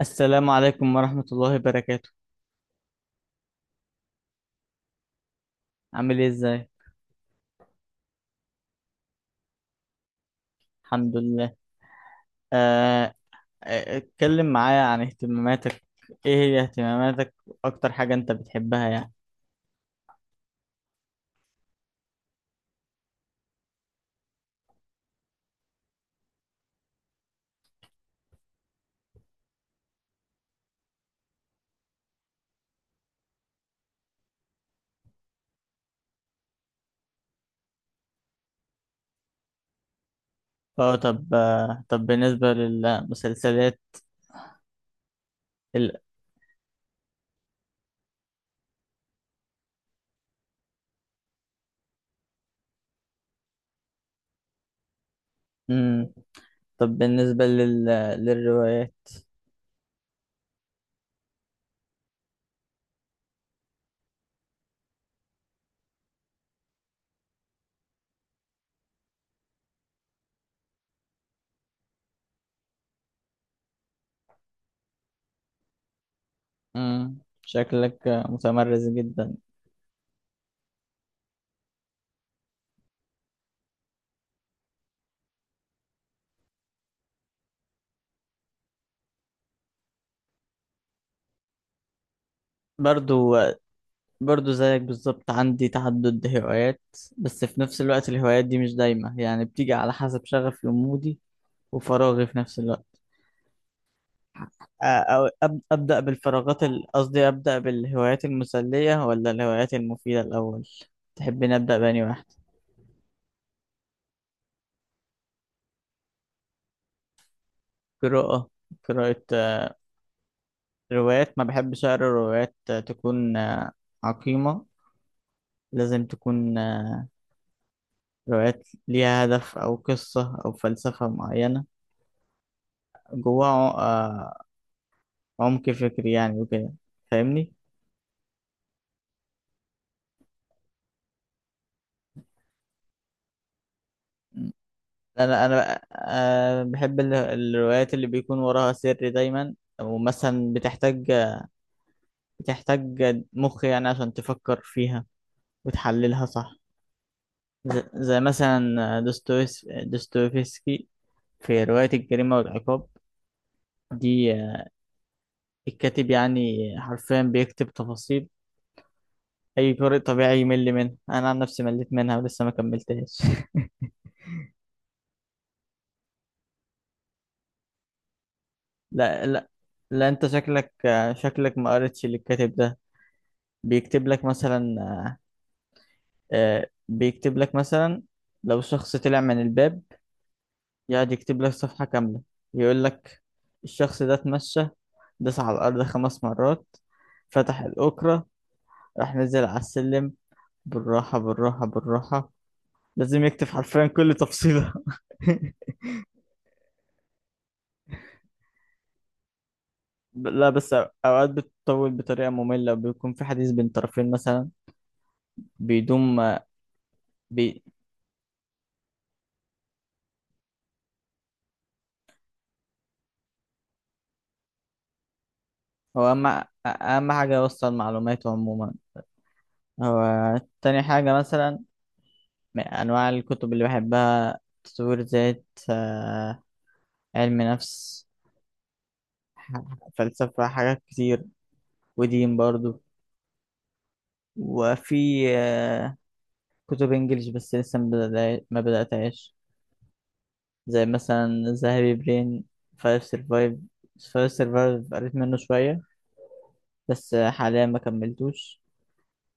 السلام عليكم ورحمة الله وبركاته. عامل ايه ازاي؟ الحمد لله. آه، اتكلم معايا عن اهتماماتك. ايه هي اهتماماتك؟ اكتر حاجة انت بتحبها يعني. اه، طب بالنسبة للمسلسلات. ال... مم. طب بالنسبة للروايات. مم. شكلك متمرس جدا. برضو برضو زيك بالظبط، عندي تعدد هوايات. بس في نفس الوقت الهوايات دي مش دايمة، يعني بتيجي على حسب شغفي ومودي وفراغي في نفس الوقت. أو أبدأ قصدي أبدأ بالهوايات المسلية ولا الهوايات المفيدة الأول؟ تحبين أبدأ بأني واحد؟ قراءة قراءة. روايات، ما بحبش أقرأ روايات تكون عقيمة. لازم تكون روايات ليها هدف أو قصة أو فلسفة معينة جواها عمق فكري يعني وكده. فاهمني؟ م. أنا بحب الروايات اللي بيكون وراها سر دايما، ومثلا بتحتاج مخ يعني عشان تفكر فيها وتحللها صح. زي مثلا دوستويفسكي في رواية الجريمة والعقاب. دي الكاتب يعني حرفيا بيكتب تفاصيل أي قارئ طبيعي يمل منها. أنا عن نفسي مليت منها ولسه ما كملتهاش لا، لا، لا، أنت شكلك ما قريتش للكاتب ده. بيكتب لك مثلا آه، بيكتب لك مثلا لو شخص طلع من الباب، يقعد يكتب لك صفحة كاملة يقول لك الشخص ده اتمشى، داس على الأرض خمس مرات، فتح الأوكرة، راح نزل على السلم بالراحة بالراحة بالراحة، لازم يكتب حرفيا كل تفصيلة لا، بس أوقات بتطول بطريقة مملة، بيكون في حديث بين طرفين مثلا بيدوم. بي... هو أهم حاجة يوصل معلوماته عموما. هو تاني حاجة مثلا من أنواع الكتب اللي بحبها تطوير ذات، آه، علم نفس، ح- فلسفة، حاجات كتير، ودين برضو. وفي كتب انجليش بس لسه ما بدأتهاش، زي مثلا ذا هابي برين، فايف سيرفايف. فايف سيرفايف قريت منه شوية بس حاليا ما كملتوش.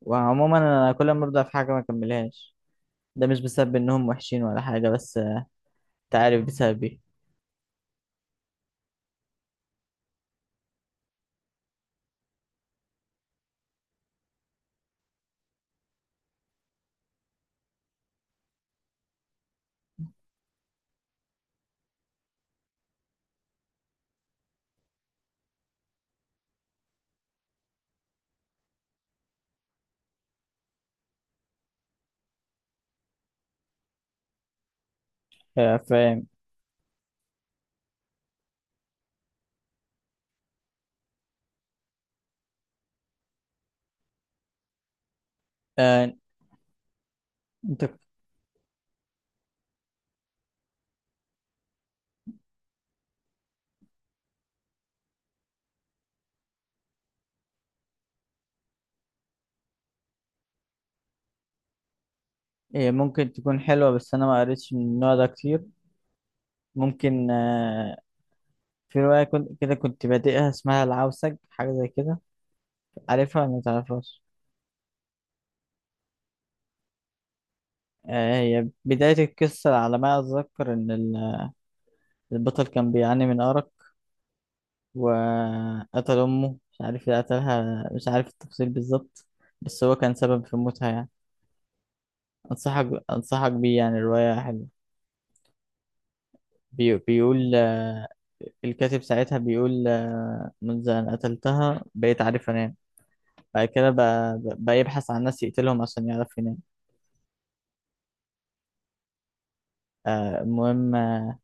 وعموما انا كل ما ابدأ في حاجة ما كملهاش، ده مش بسبب انهم وحشين ولا حاجة بس انت عارف بسبب ايه. آه، فاهم. آه، انت هي ممكن تكون حلوة بس انا ما قريتش من النوع ده كتير. ممكن في رواية كنت بادئها اسمها العوسج، حاجة زي كده. عارفها ولا ما تعرفهاش؟ هي بداية القصة على ما أتذكر إن البطل كان بيعاني من أرق، وقتل أمه. مش عارف اللي قتلها، مش عارف التفاصيل بالظبط، بس هو كان سبب في موتها يعني. أنصحك بيه يعني، الرواية حلوة. بيقول الكاتب ساعتها بيقول منذ أن قتلتها بقيت عارف أنام. بعد كده بقى يبحث عن ناس يقتلهم عشان يعرف ينام. المهم،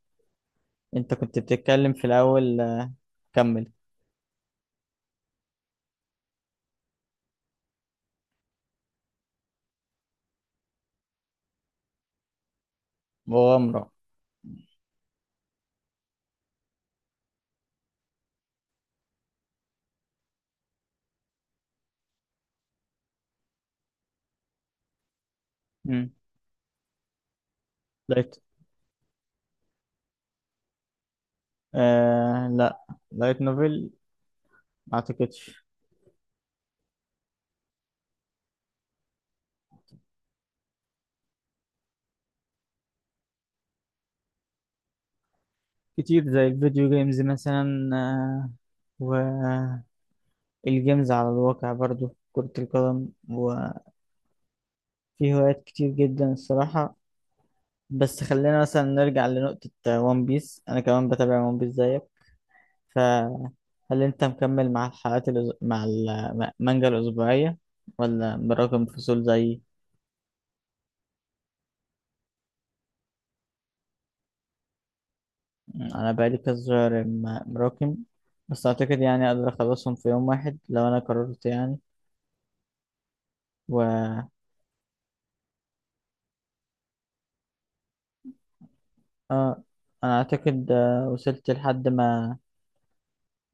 أنت كنت بتتكلم في الأول. كمل. مغامرة. مم. لايت آه، لا، لايت نوفل ما اعتقدش. كتير، زي الفيديو جيمز مثلا، والجيمز على الواقع برضو كرة القدم، وفي هوايات كتير جدا الصراحة. بس خلينا مثلا نرجع لنقطة ون بيس، أنا كمان بتابع ون بيس زيك. فهل أنت مكمل مع الحلقات مع المانجا الأسبوعية ولا براكم فصول زيي؟ انا بقالي كذا شهر مراكم، بس اعتقد يعني اقدر اخلصهم في يوم واحد لو انا قررت يعني. و اه، انا اعتقد وصلت لحد ما،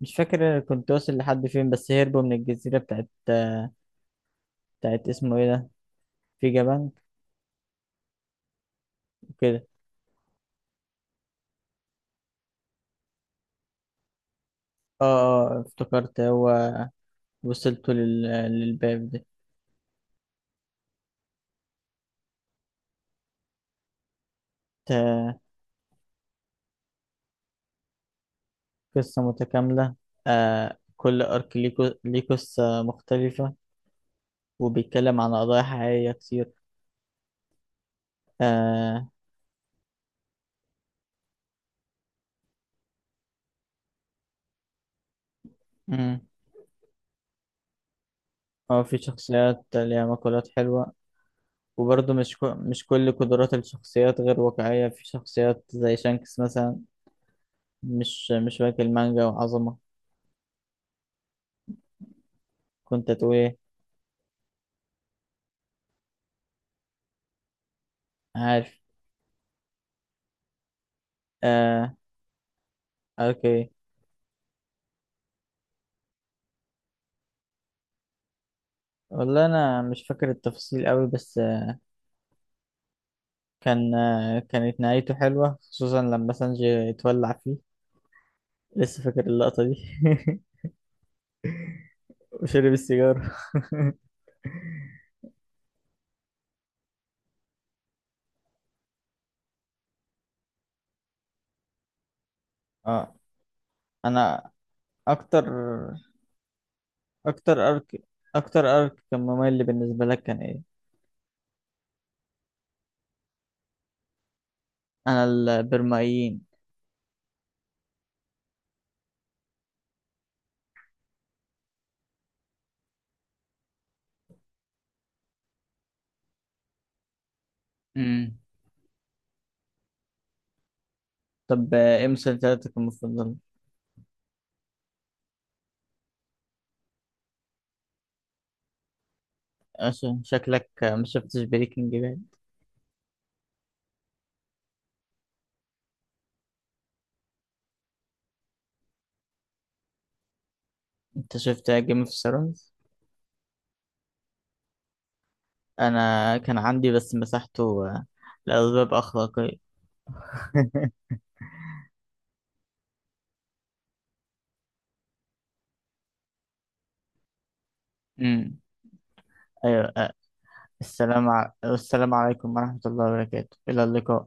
مش فاكر كنت واصل لحد فين، بس هربوا من الجزيرة بتاعت، اسمه ايه ده، في جبان وكده. اه، اه، افتكرت، هو وصلت للباب ده. ت- قصة متكاملة، آه، كل ارك ليه ليه قصة مختلفة، وبيتكلم عن قضايا حقيقية كتير، آه. اه، في شخصيات ليها مقولات حلوة، وبرضه مش مش كل قدرات الشخصيات غير واقعية، في شخصيات زي شانكس مثلا مش واكل مانجا وعظمة. كنت تقول ايه؟ عارف. آه. اوكي. والله انا مش فاكر التفاصيل قوي، بس كانت نهايته حلوة خصوصا لما سانجي اتولع فيه، لسه فاكر اللقطة دي وشرب السيجارة اه. انا اكتر اكتر ارك اكتر ارك كان ممل بالنسبة لك كان ايه؟ انا البرمائيين. امم طب، ايه مسلسلاتك المفضلة؟ عشان شكلك ما شفتش بريكنج باد. انت شفت جيم اوف ثرونز؟ انا كان عندي بس مسحته لأسباب أخلاقية امم. ايوه. السلام السلام عليكم ورحمة الله وبركاته، إلى اللقاء.